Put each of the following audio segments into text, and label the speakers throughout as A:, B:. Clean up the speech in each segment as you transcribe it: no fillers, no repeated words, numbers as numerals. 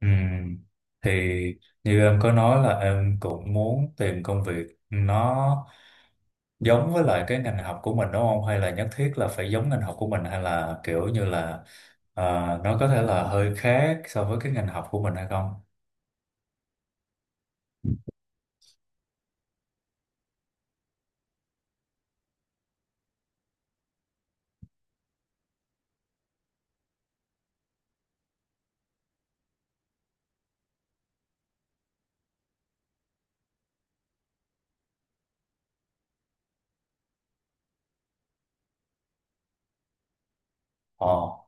A: Ừ. Thì như em có nói là em cũng muốn tìm công việc nó giống với lại cái ngành học của mình đúng không? Hay là nhất thiết là phải giống ngành học của mình hay là kiểu như là ờ, nó có thể là hơi khác so với cái ngành học của mình hay không? Ờ.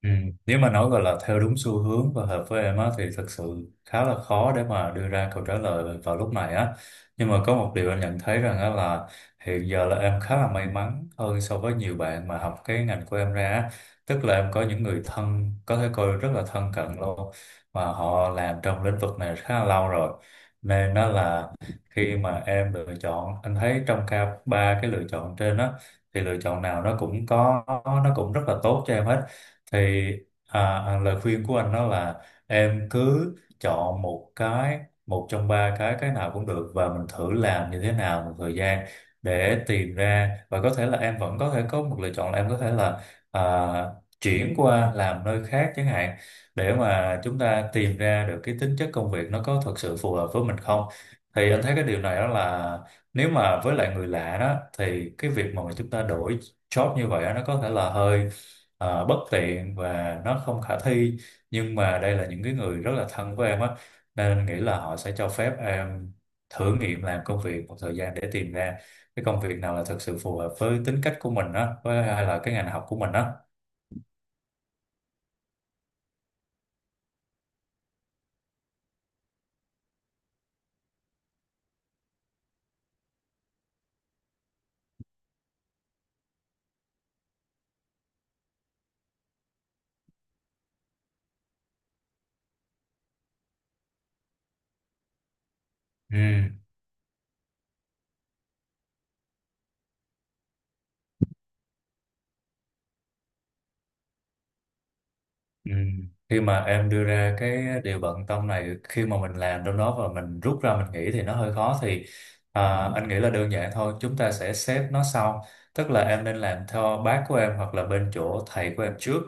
A: Ừ. Nếu mà nói gọi là theo đúng xu hướng và hợp với em á, thì thật sự khá là khó để mà đưa ra câu trả lời vào lúc này á. Nhưng mà có một điều anh nhận thấy rằng á, là hiện giờ là em khá là may mắn hơn so với nhiều bạn mà học cái ngành của em ra á. Tức là em có những người thân có thể coi rất là thân cận luôn, mà họ làm trong lĩnh vực này khá là lâu rồi. Nên đó là khi mà em lựa chọn, anh thấy trong cả ba cái lựa chọn trên á, thì lựa chọn nào nó cũng rất là tốt cho em hết. Thì à, lời khuyên của anh đó là em cứ chọn một cái, một trong ba cái nào cũng được, và mình thử làm như thế nào một thời gian để tìm ra, và có thể là em vẫn có thể có một lựa chọn là em có thể là à, chuyển qua làm nơi khác chẳng hạn, để mà chúng ta tìm ra được cái tính chất công việc nó có thật sự phù hợp với mình không. Thì anh thấy cái điều này, đó là nếu mà với lại người lạ đó, thì cái việc mà chúng ta đổi job như vậy á, nó có thể là hơi bất tiện và nó không khả thi. Nhưng mà đây là những cái người rất là thân với em á, nên nghĩ là họ sẽ cho phép em thử nghiệm làm công việc một thời gian để tìm ra cái công việc nào là thực sự phù hợp với tính cách của mình á, với hay là cái ngành học của mình á. Ừ. Ừ. Khi mà em đưa ra cái điều bận tâm này, khi mà mình làm trong đó và mình rút ra mình nghĩ thì nó hơi khó, thì anh nghĩ là đơn giản thôi, chúng ta sẽ xếp nó sau. Tức là em nên làm theo bác của em hoặc là bên chỗ thầy của em trước,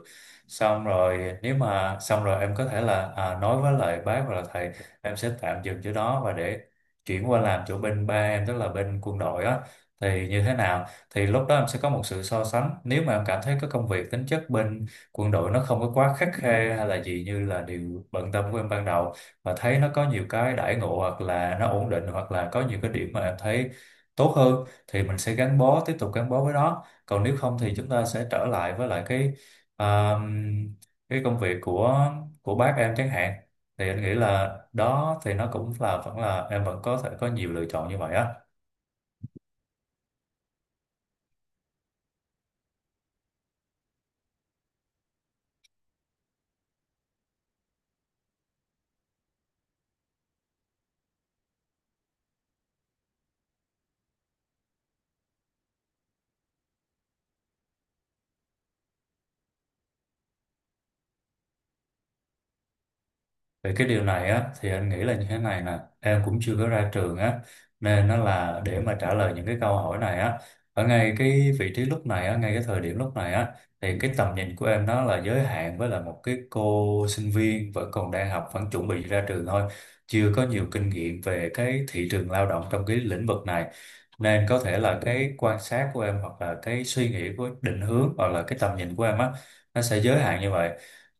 A: xong rồi nếu mà xong rồi em có thể là nói với lại bác hoặc là thầy em sẽ tạm dừng chỗ đó, và để chuyển qua làm chỗ bên ba em, tức là bên quân đội á. Thì như thế nào thì lúc đó em sẽ có một sự so sánh. Nếu mà em cảm thấy cái công việc tính chất bên quân đội nó không có quá khắt khe hay là gì như là điều bận tâm của em ban đầu, mà thấy nó có nhiều cái đãi ngộ hoặc là nó ổn định, hoặc là có nhiều cái điểm mà em thấy tốt hơn, thì mình sẽ gắn bó, tiếp tục gắn bó với nó. Còn nếu không thì chúng ta sẽ trở lại với lại cái à, cái công việc của bác em chẳng hạn. Thì anh nghĩ là đó, thì nó cũng là vẫn là em vẫn có thể có nhiều lựa chọn như vậy á. Về cái điều này á, thì anh nghĩ là như thế này nè, em cũng chưa có ra trường á, nên nó là để mà trả lời những cái câu hỏi này á, ở ngay cái vị trí lúc này á, ngay cái thời điểm lúc này á, thì cái tầm nhìn của em nó là giới hạn, với là một cái cô sinh viên vẫn còn đang học, vẫn chuẩn bị ra trường thôi, chưa có nhiều kinh nghiệm về cái thị trường lao động trong cái lĩnh vực này. Nên có thể là cái quan sát của em, hoặc là cái suy nghĩ của định hướng, hoặc là cái tầm nhìn của em á, nó sẽ giới hạn như vậy.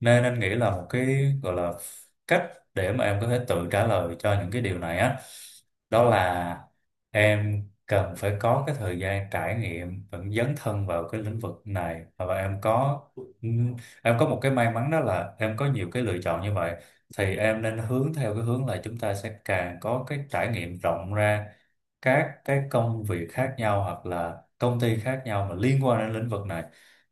A: Nên anh nghĩ là một cái gọi là cách để mà em có thể tự trả lời cho những cái điều này á, đó là em cần phải có cái thời gian trải nghiệm và dấn thân vào cái lĩnh vực này, và ừm, em có một cái may mắn, đó là em có nhiều cái lựa chọn như vậy. Thì em nên hướng theo cái hướng là chúng ta sẽ càng có cái trải nghiệm rộng ra các cái công việc khác nhau hoặc là công ty khác nhau mà liên quan đến lĩnh vực này,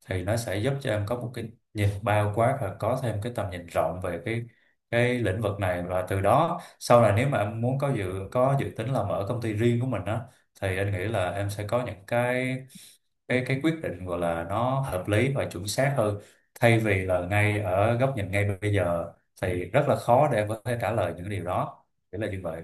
A: thì nó sẽ giúp cho em có một cái nhìn bao quát và có thêm cái tầm nhìn rộng về cái lĩnh vực này. Và từ đó sau này, nếu mà em muốn có dự tính là mở công ty riêng của mình á, thì anh nghĩ là em sẽ có những cái quyết định gọi là nó hợp lý và chuẩn xác hơn, thay vì là ngay ở góc nhìn ngay bây giờ thì rất là khó để em có thể trả lời những điều đó, nghĩa là như vậy.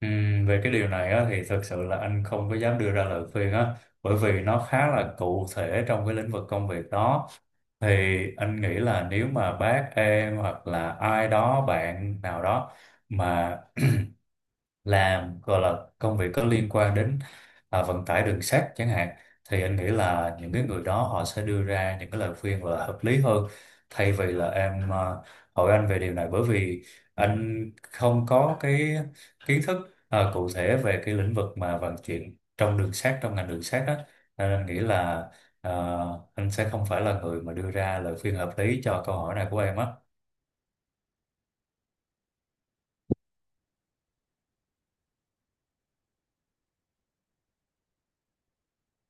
A: Về cái điều này á, thì thực sự là anh không có dám đưa ra lời khuyên á, bởi vì nó khá là cụ thể trong cái lĩnh vực công việc đó. Thì anh nghĩ là nếu mà bác em hoặc là ai đó, bạn nào đó mà làm gọi là công việc có liên quan đến vận tải đường sắt chẳng hạn, thì anh nghĩ là những cái người đó họ sẽ đưa ra những cái lời khuyên là hợp lý hơn, thay vì là em hỏi anh về điều này, bởi vì anh không có cái kiến thức cụ thể về cái lĩnh vực mà vận chuyển trong đường sắt, trong ngành đường sắt đó. Nên anh nghĩ là à, anh sẽ không phải là người mà đưa ra lời khuyên hợp lý cho câu hỏi này của em á.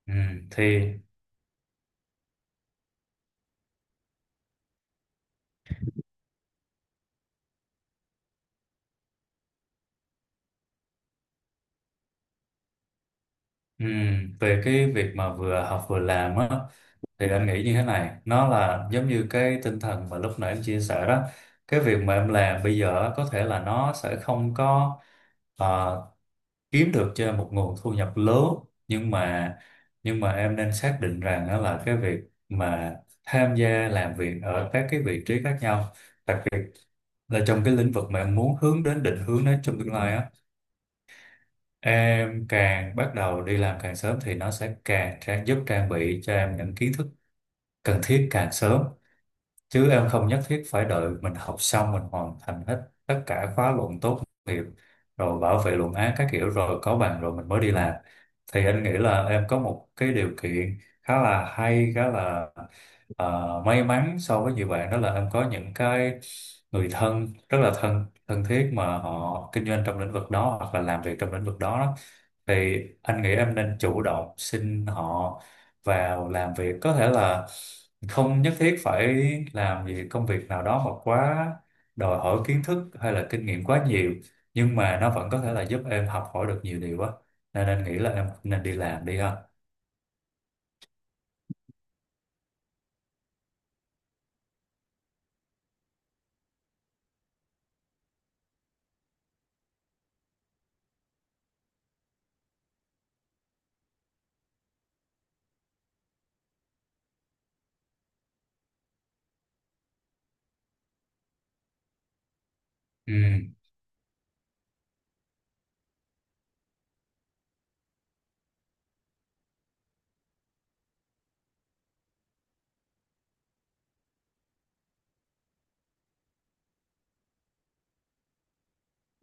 A: Ừ, thì. Ừ, về cái việc mà vừa học vừa làm á, thì anh nghĩ như thế này, nó là giống như cái tinh thần mà lúc nãy em chia sẻ đó. Cái việc mà em làm bây giờ á, có thể là nó sẽ không có ờ, kiếm được cho em một nguồn thu nhập lớn, nhưng mà nhưng mà em nên xác định rằng đó là cái việc mà tham gia làm việc ở các cái vị trí khác nhau, đặc biệt là trong cái lĩnh vực mà em muốn hướng đến định hướng đến trong tương lai á. Em càng bắt đầu đi làm càng sớm thì nó sẽ càng giúp trang bị cho em những kiến thức cần thiết càng sớm. Chứ em không nhất thiết phải đợi mình học xong, mình hoàn thành hết tất cả khóa luận tốt nghiệp rồi bảo vệ luận án các kiểu rồi có bằng rồi mình mới đi làm. Thì anh nghĩ là em có một cái điều kiện khá là hay, khá là may mắn so với nhiều bạn, đó là em có những cái người thân rất là thân thân thiết, mà họ kinh doanh trong lĩnh vực đó hoặc là làm việc trong lĩnh vực đó. Thì anh nghĩ em nên chủ động xin họ vào làm việc, có thể là không nhất thiết phải làm gì, công việc nào đó mà quá đòi hỏi kiến thức hay là kinh nghiệm quá nhiều, nhưng mà nó vẫn có thể là giúp em học hỏi được nhiều điều á. Nên anh nghĩ là em nên đi làm đi ha. Ừ.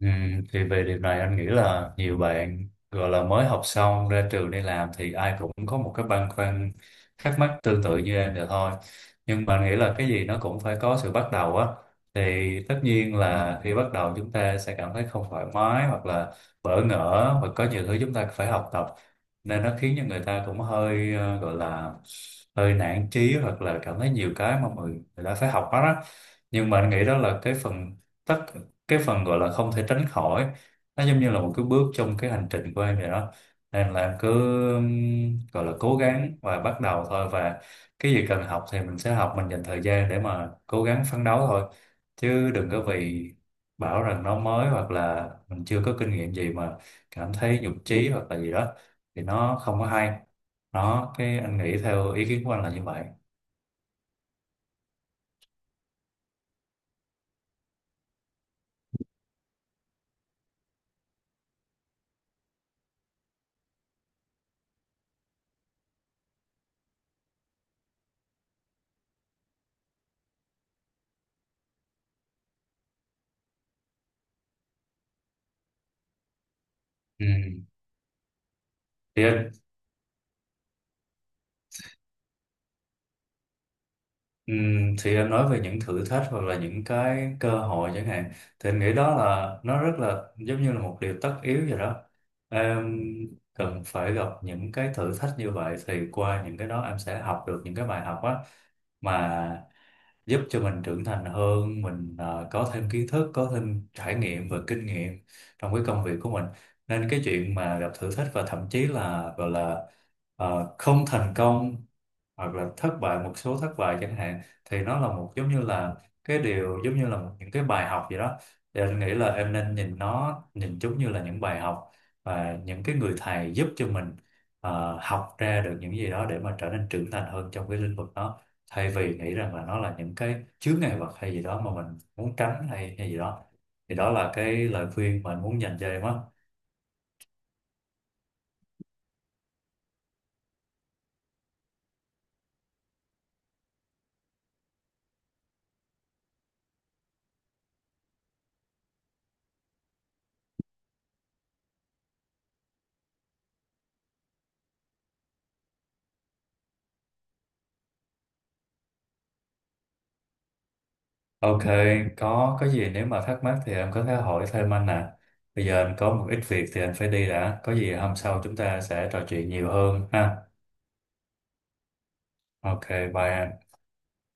A: Ừ, thì về điều này anh nghĩ là nhiều bạn gọi là mới học xong ra trường đi làm thì ai cũng có một cái băn khoăn, thắc mắc tương tự như em vậy thôi. Nhưng mà anh nghĩ là cái gì nó cũng phải có sự bắt đầu á, thì tất nhiên là khi bắt đầu chúng ta sẽ cảm thấy không thoải mái, hoặc là bỡ ngỡ và có nhiều thứ chúng ta phải học tập, nên nó khiến cho người ta cũng hơi gọi là hơi nản chí, hoặc là cảm thấy nhiều cái mà người ta phải học hết á. Nhưng mà anh nghĩ đó là tất cái phần gọi là không thể tránh khỏi, nó giống như là một cái bước trong cái hành trình của em vậy đó. Nên là em cứ gọi là cố gắng và bắt đầu thôi, và cái gì cần học thì mình sẽ học, mình dành thời gian để mà cố gắng phấn đấu thôi, chứ đừng có vì bảo rằng nó mới hoặc là mình chưa có kinh nghiệm gì mà cảm thấy nhụt chí hoặc là gì đó, thì nó không có hay. Đó, cái anh nghĩ theo ý kiến của anh là như vậy. Ừ. thì anh Ừ, thì anh nói về những thử thách hoặc là những cái cơ hội chẳng hạn, thì anh nghĩ đó là nó rất là giống như là một điều tất yếu vậy đó. Em cần phải gặp những cái thử thách như vậy, thì qua những cái đó em sẽ học được những cái bài học á, mà giúp cho mình trưởng thành hơn, mình có thêm kiến thức, có thêm trải nghiệm và kinh nghiệm trong cái công việc của mình. Nên cái chuyện mà gặp thử thách và thậm chí là gọi là không thành công hoặc là thất bại một số thất bại chẳng hạn, thì nó là giống như là cái điều, giống như là những cái bài học gì đó. Thì anh nghĩ là em nên nhìn chúng như là những bài học, và những cái người thầy giúp cho mình học ra được những gì đó để mà trở nên trưởng thành hơn trong cái lĩnh vực đó, thay vì nghĩ rằng là nó là những cái chướng ngại vật hay gì đó mà mình muốn tránh, hay hay gì đó. Thì đó là cái lời khuyên mà anh muốn dành cho em á. Ok, có gì nếu mà thắc mắc thì em có thể hỏi thêm anh nè. Bây giờ anh có một ít việc thì anh phải đi đã. Có gì hôm sau chúng ta sẽ trò chuyện nhiều hơn ha. Ok, bye anh.